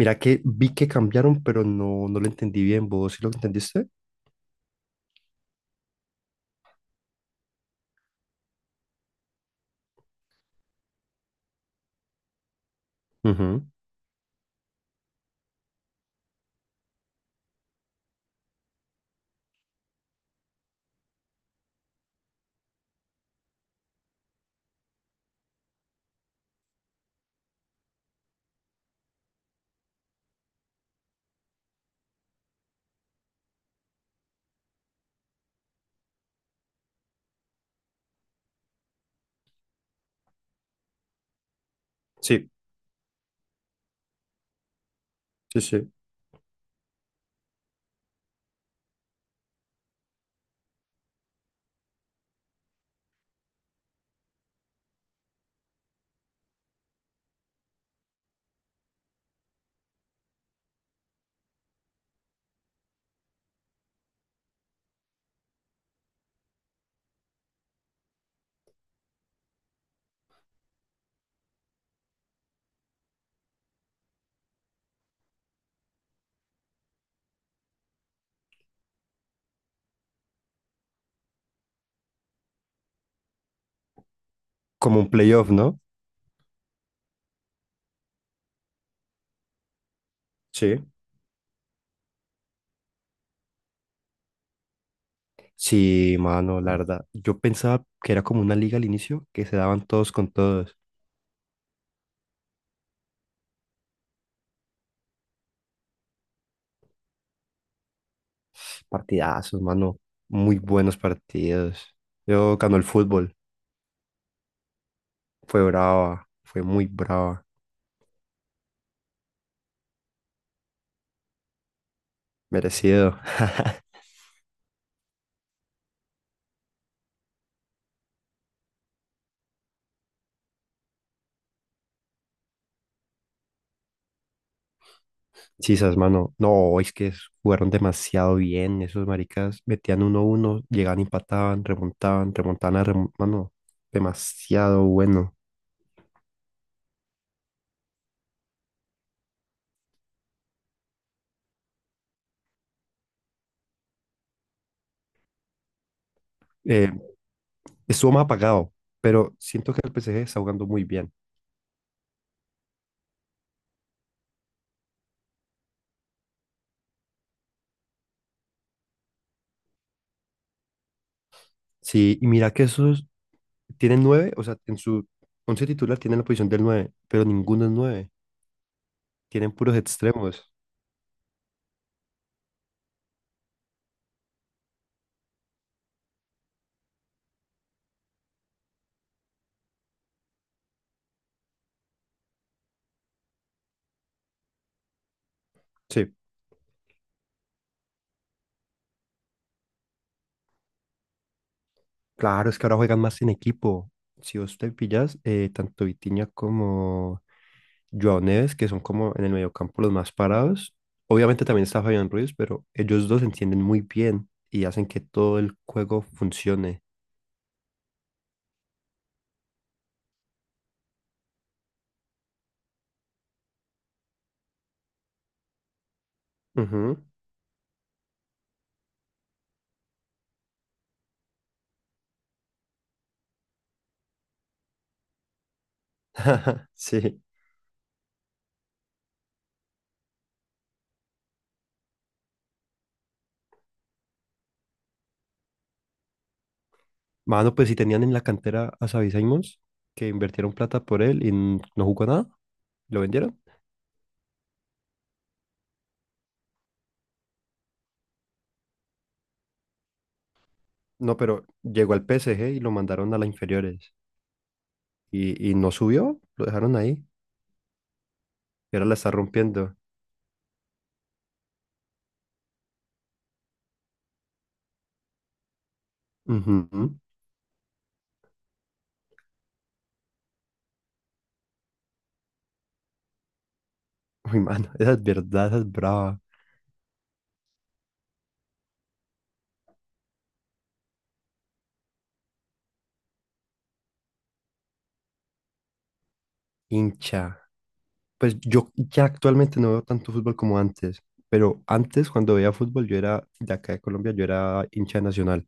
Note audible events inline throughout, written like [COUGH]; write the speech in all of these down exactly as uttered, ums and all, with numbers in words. Mira que vi que cambiaron, pero no, no lo entendí bien. ¿Vos sí lo entendiste? Ujú. Sí, sí, sí. Como un playoff, ¿no? Sí. Sí, mano, la verdad. Yo pensaba que era como una liga al inicio, que se daban todos con todos. Partidazos, mano. Muy buenos partidos. Yo ganó el fútbol. Fue brava, fue muy brava. Merecido. Sisas, mano. No, es que es- jugaron demasiado bien. Esos maricas metían 1 uno llegaban, empataban, remontaban, remontaban a remo- mano, demasiado bueno. Eh, Estuvo más apagado, pero siento que el P S G está jugando muy bien. Sí, y mira que esos tienen nueve, o sea, en su once titular tienen la posición del nueve, pero ninguno es nueve. Tienen puros extremos. Sí. Claro, es que ahora juegan más en equipo. Si vos te pillas, eh, tanto Vitinha como Joao Neves, que son como en el mediocampo los más parados. Obviamente también está Fabián Ruiz, pero ellos dos se entienden muy bien y hacen que todo el juego funcione. Ujú. [LAUGHS] Sí. Mano, pues si tenían en la cantera a Xavi Simons, que invirtieron plata por él y n- no jugó nada, lo vendieron. No, pero llegó al P S G y lo mandaron a las inferiores y, y no subió, lo dejaron ahí y ahora la está rompiendo. Ujú. Uy, mano, esa es verdad, esa es brava. Hincha. Pues yo ya actualmente no veo tanto fútbol como antes, pero antes cuando veía fútbol yo era de acá de Colombia, yo era hincha de nacional,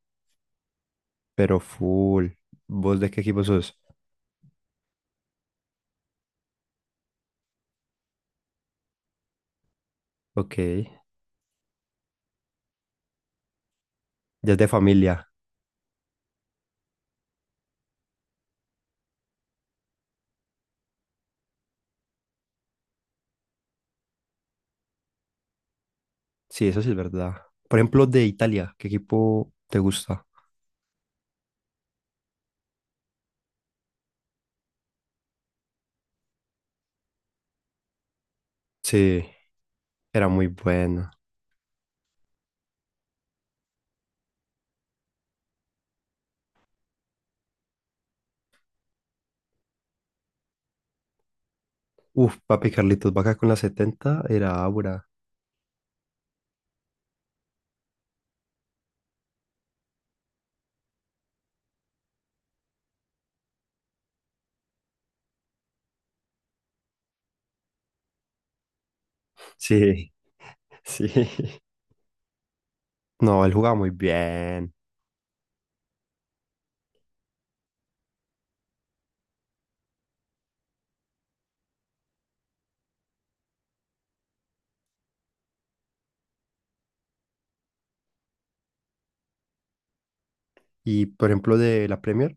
pero full. ¿Vos de qué equipo sos? Ok, ya es de familia. Sí, eso sí es verdad. Por ejemplo, de Italia, ¿qué equipo te gusta? Sí, era muy bueno. Uf, papi Carlitos Vaca con la setenta era Aura. Sí, sí. [LAUGHS] No, él jugaba muy bien. Y por ejemplo, de la Premier,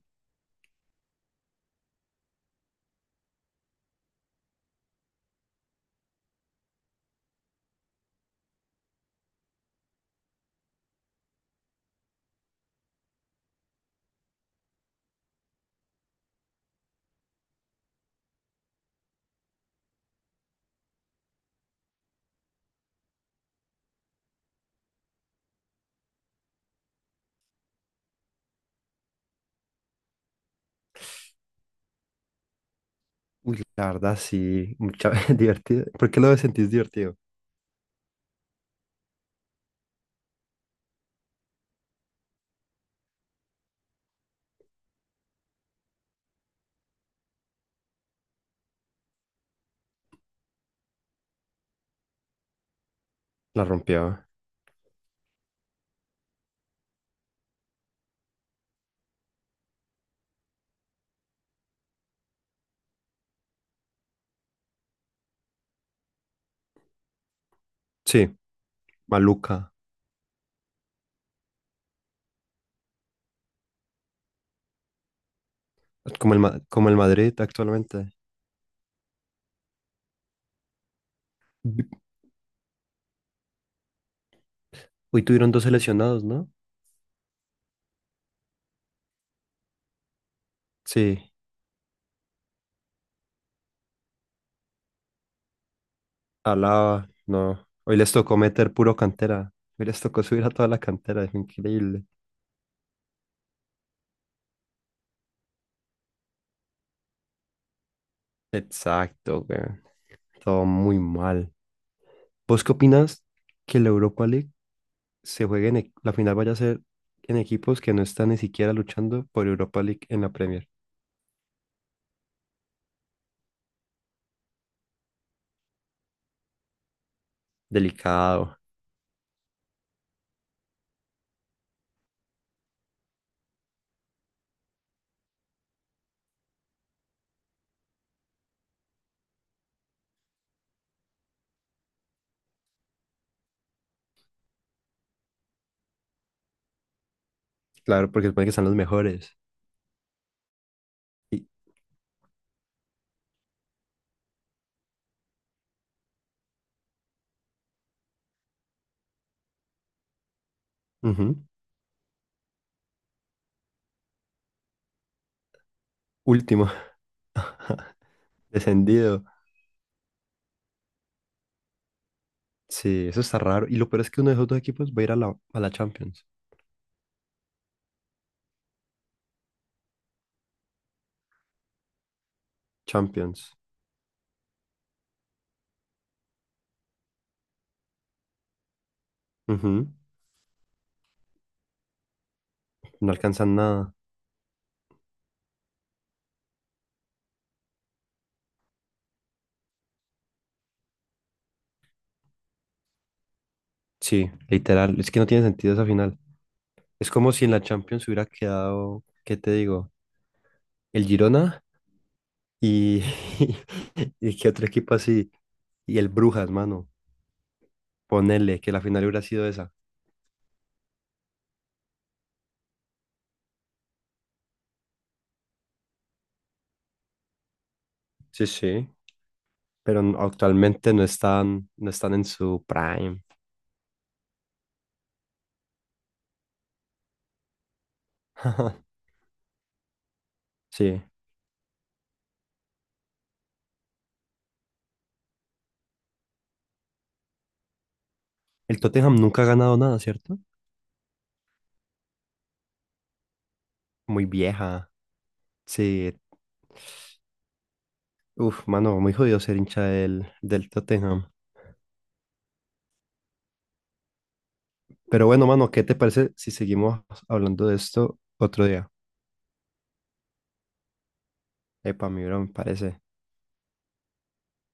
uy, la verdad sí, mucha [LAUGHS] divertida. ¿Por qué lo sentís divertido? La rompió. Sí, maluca. Como el, Ma- como el Madrid actualmente. Vi- Hoy tuvieron dos seleccionados, ¿no? Sí, Alaba, no. Hoy les tocó meter puro cantera. Hoy les tocó subir a toda la cantera, es increíble. Exacto, güey. Todo muy mal. ¿Vos qué opinas que la Europa League se juegue en e- la final vaya a ser en equipos que no están ni siquiera luchando por Europa League en la Premier? Delicado. Claro, porque supone que están los mejores. Y, ujú, último, [LAUGHS] descendido. Sí, eso está raro. Y lo peor es que uno de esos dos equipos va a ir a la, a la Champions. Champions. Ujú, no alcanzan nada. Sí, literal. Es que no tiene sentido esa final. Es como si en la Champions hubiera quedado, ¿qué te digo? El Girona y, [LAUGHS] y qué otro equipo así. Y el Brujas, mano. Ponele que la final hubiera sido esa. Sí, sí. Pero n- actualmente no están, no están en su prime. [LAUGHS] Sí. El Tottenham nunca ha ganado nada, ¿cierto? Muy vieja. Sí. Uf, mano, muy jodido ser hincha del, del Tottenham. Pero bueno, mano, ¿qué te parece si seguimos hablando de esto otro día? Epa, mi bro, me parece.